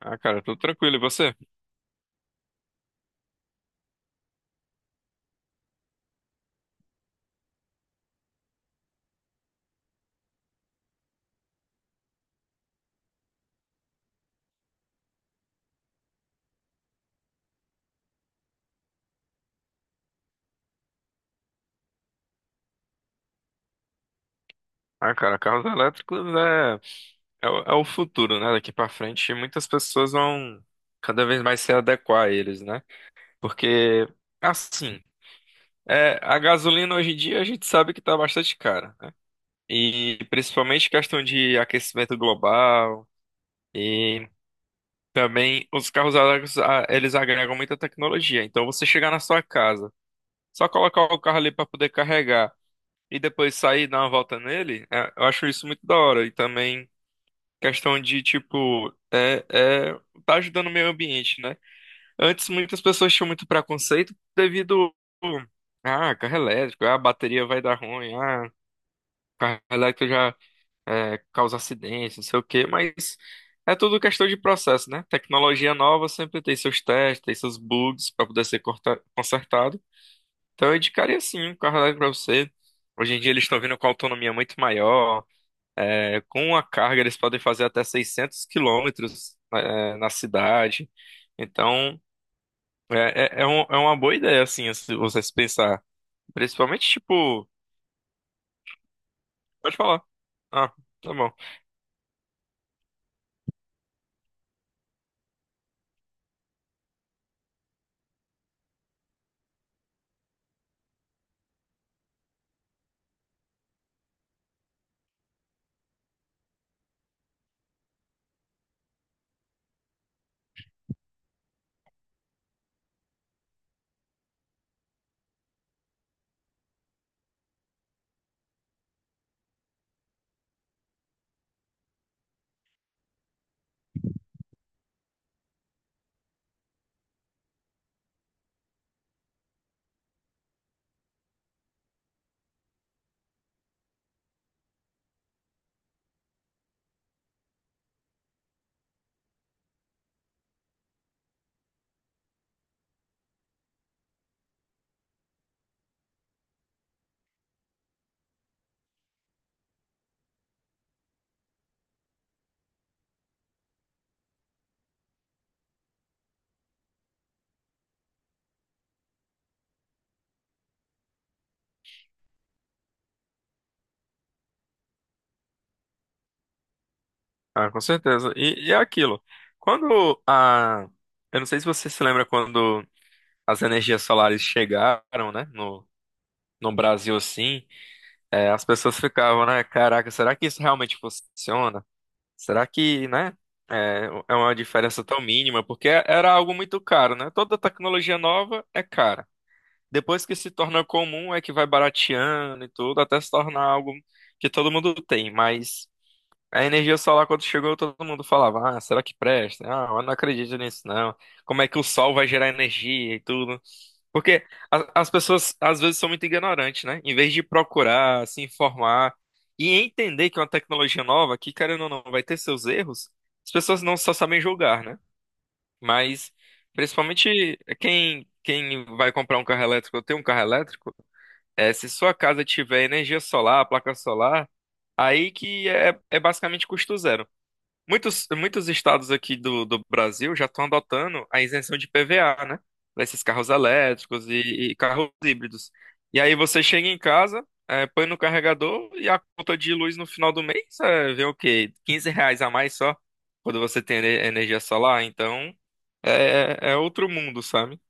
Ah, cara, tudo tranquilo. E você? Ah, cara, carros elétricos é o futuro, né? Daqui pra frente, muitas pessoas vão cada vez mais se adequar a eles, né? Porque, assim, a gasolina hoje em dia a gente sabe que tá bastante cara, né? E principalmente questão de aquecimento global e também os carros elétricos, ah, eles agregam muita tecnologia. Então, você chegar na sua casa, só colocar o carro ali pra poder carregar. E depois sair e dar uma volta nele, eu acho isso muito da hora. E também questão de, tipo, tá ajudando o meio ambiente, né? Antes muitas pessoas tinham muito preconceito devido ah, carro elétrico, ah, a bateria vai dar ruim, ah, carro elétrico já causa acidente, não sei o quê, mas é tudo questão de processo, né? Tecnologia nova sempre tem seus testes, tem seus bugs para poder ser consertado. Então eu indicaria sim um carro elétrico para você. Hoje em dia eles estão vindo com autonomia muito maior. Com a carga, eles podem fazer até 600 quilômetros na cidade. Então, é é uma boa ideia, assim, se você se pensar. Principalmente, tipo, pode falar. Ah, tá bom. Ah, com certeza. E é aquilo. Quando a. Eu não sei se você se lembra quando as energias solares chegaram, né, no Brasil, assim, as pessoas ficavam, né, caraca, será que isso realmente funciona? Será que, né? É, é uma diferença tão mínima, porque era algo muito caro, né? Toda tecnologia nova é cara. Depois que se torna comum, é que vai barateando e tudo, até se tornar algo que todo mundo tem. Mas a energia solar, quando chegou, todo mundo falava: Ah, será que presta? Ah, eu não acredito nisso, não. Como é que o sol vai gerar energia e tudo? Porque as pessoas às vezes são muito ignorantes, né? Em vez de procurar, se informar e entender que é uma tecnologia nova, que querendo ou não, vai ter seus erros, as pessoas não só sabem julgar, né? Mas principalmente quem vai comprar um carro elétrico ou tem um carro elétrico, se sua casa tiver energia solar, placa solar, aí que é basicamente custo zero, né? Muitos estados aqui do Brasil já estão adotando a isenção de PVA, né? Para esses carros elétricos e carros híbridos. E aí você chega em casa, põe no carregador e a conta de luz no final do mês vê o quê? R$ 15 a mais só quando você tem energia solar. Então é outro mundo, sabe?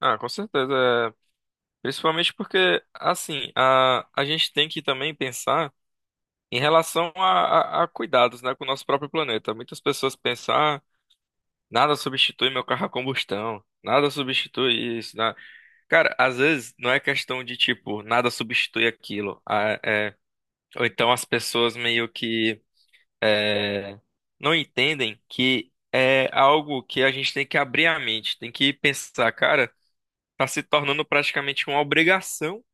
Ah, com certeza. É. Principalmente porque, assim, a gente tem que também pensar em relação a cuidados, né, com o nosso próprio planeta. Muitas pessoas pensam, ah, nada substitui meu carro a combustão, nada substitui isso, né? Cara, às vezes não é questão de tipo, nada substitui aquilo. Ah, é, ou então as pessoas meio que não entendem que é algo que a gente tem que abrir a mente, tem que pensar, cara, tá se tornando praticamente uma obrigação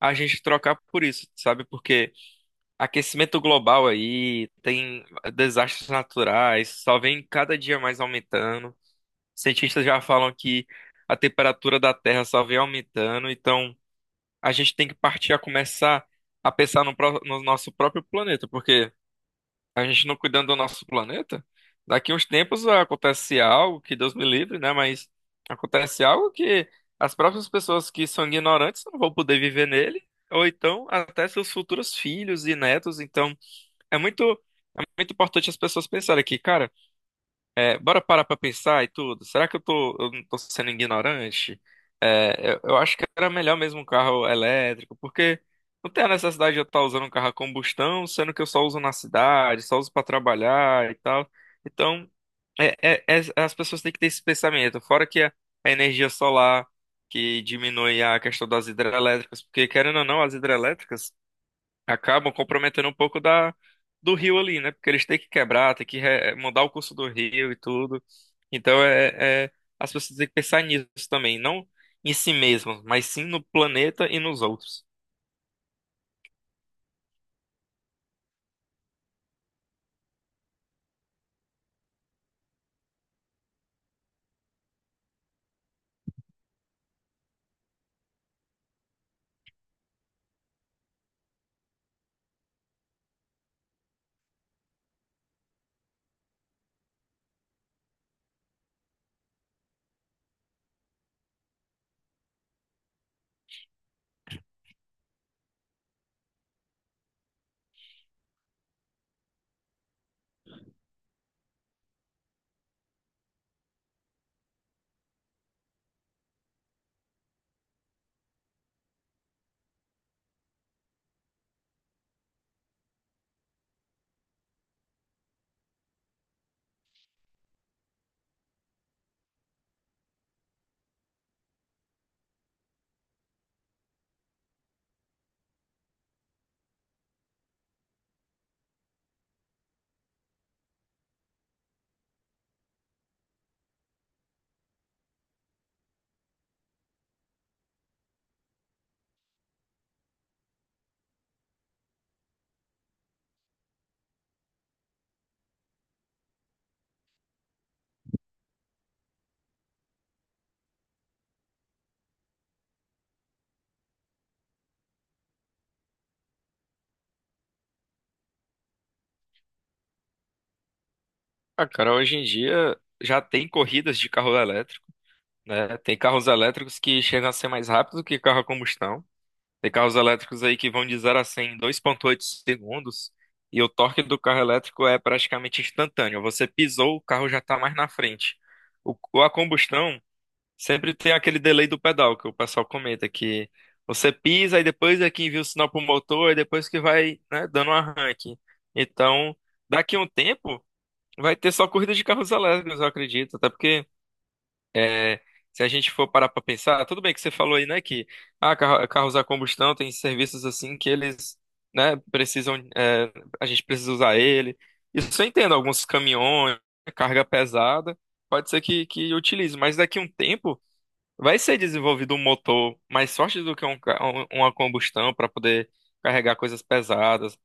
a gente trocar por isso, sabe? Porque aquecimento global aí, tem desastres naturais, só vem cada dia mais aumentando. Cientistas já falam que a temperatura da Terra só vem aumentando, então a gente tem que partir a começar a pensar no nosso próprio planeta, porque a gente não cuidando do nosso planeta, daqui uns tempos acontece algo que Deus me livre, né? Mas acontece algo que as próprias pessoas que são ignorantes não vão poder viver nele, ou então até seus futuros filhos e netos, então. É muito, é muito importante as pessoas pensarem aqui, cara, bora parar pra pensar e tudo. Será que eu tô, eu não tô sendo ignorante? É, eu acho que era melhor mesmo um carro elétrico, porque não tem a necessidade de eu estar usando um carro a combustão, sendo que eu só uso na cidade, só uso pra trabalhar e tal. Então, as pessoas têm que ter esse pensamento. Fora que a energia solar, que diminui a questão das hidrelétricas, porque querendo ou não, as hidrelétricas acabam comprometendo um pouco da do rio ali, né? Porque eles têm que quebrar, têm que mudar o curso do rio e tudo. Então as pessoas têm que pensar nisso também, não em si mesmas, mas sim no planeta e nos outros. Ah, cara, hoje em dia já tem corridas de carro elétrico, né? Tem carros elétricos que chegam a ser mais rápidos do que carro a combustão. Tem carros elétricos aí que vão de 0 a 100 em 2,8 segundos e o torque do carro elétrico é praticamente instantâneo. Você pisou, o carro já está mais na frente. A combustão sempre tem aquele delay do pedal que o pessoal comenta que você pisa e depois é que envia o sinal para o motor e depois que vai, né, dando um arranque. Então, daqui a um tempo vai ter só corrida de carros elétricos, eu acredito, até porque é, se a gente for parar para pensar, tudo bem que você falou aí, né, que ah, carros a combustão tem serviços assim que eles, né, precisam, a gente precisa usar ele. Isso eu entendo, alguns caminhões, carga pesada, pode ser que utilize, mas daqui a um tempo vai ser desenvolvido um motor mais forte do que uma combustão para poder carregar coisas pesadas.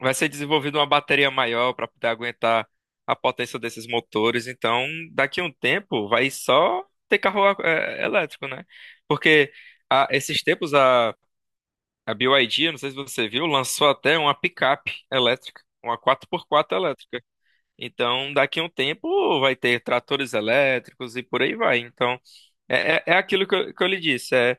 Vai ser desenvolvida uma bateria maior para poder aguentar a potência desses motores. Então, daqui a um tempo, vai só ter carro elétrico, né? Porque há esses tempos a BYD, eu não sei se você viu, lançou até uma picape elétrica, uma 4x4 elétrica. Então, daqui a um tempo, vai ter tratores elétricos e por aí vai. Então, é aquilo que que eu lhe disse.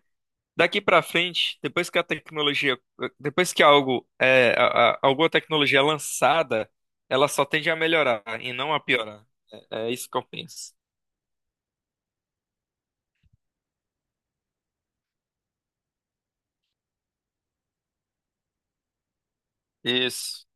Daqui para frente, depois que a tecnologia, depois que algo alguma tecnologia é lançada, ela só tende a melhorar e não a piorar. É isso que eu penso. Isso.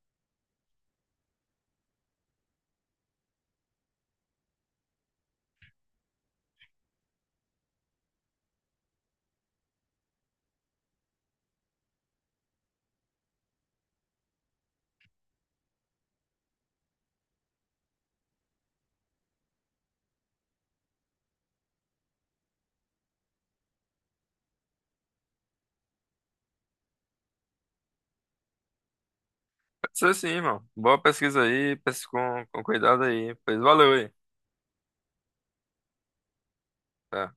Pode ser sim, irmão. Boa pesquisa aí, pesquisa com cuidado aí. Pois valeu aí. Tá.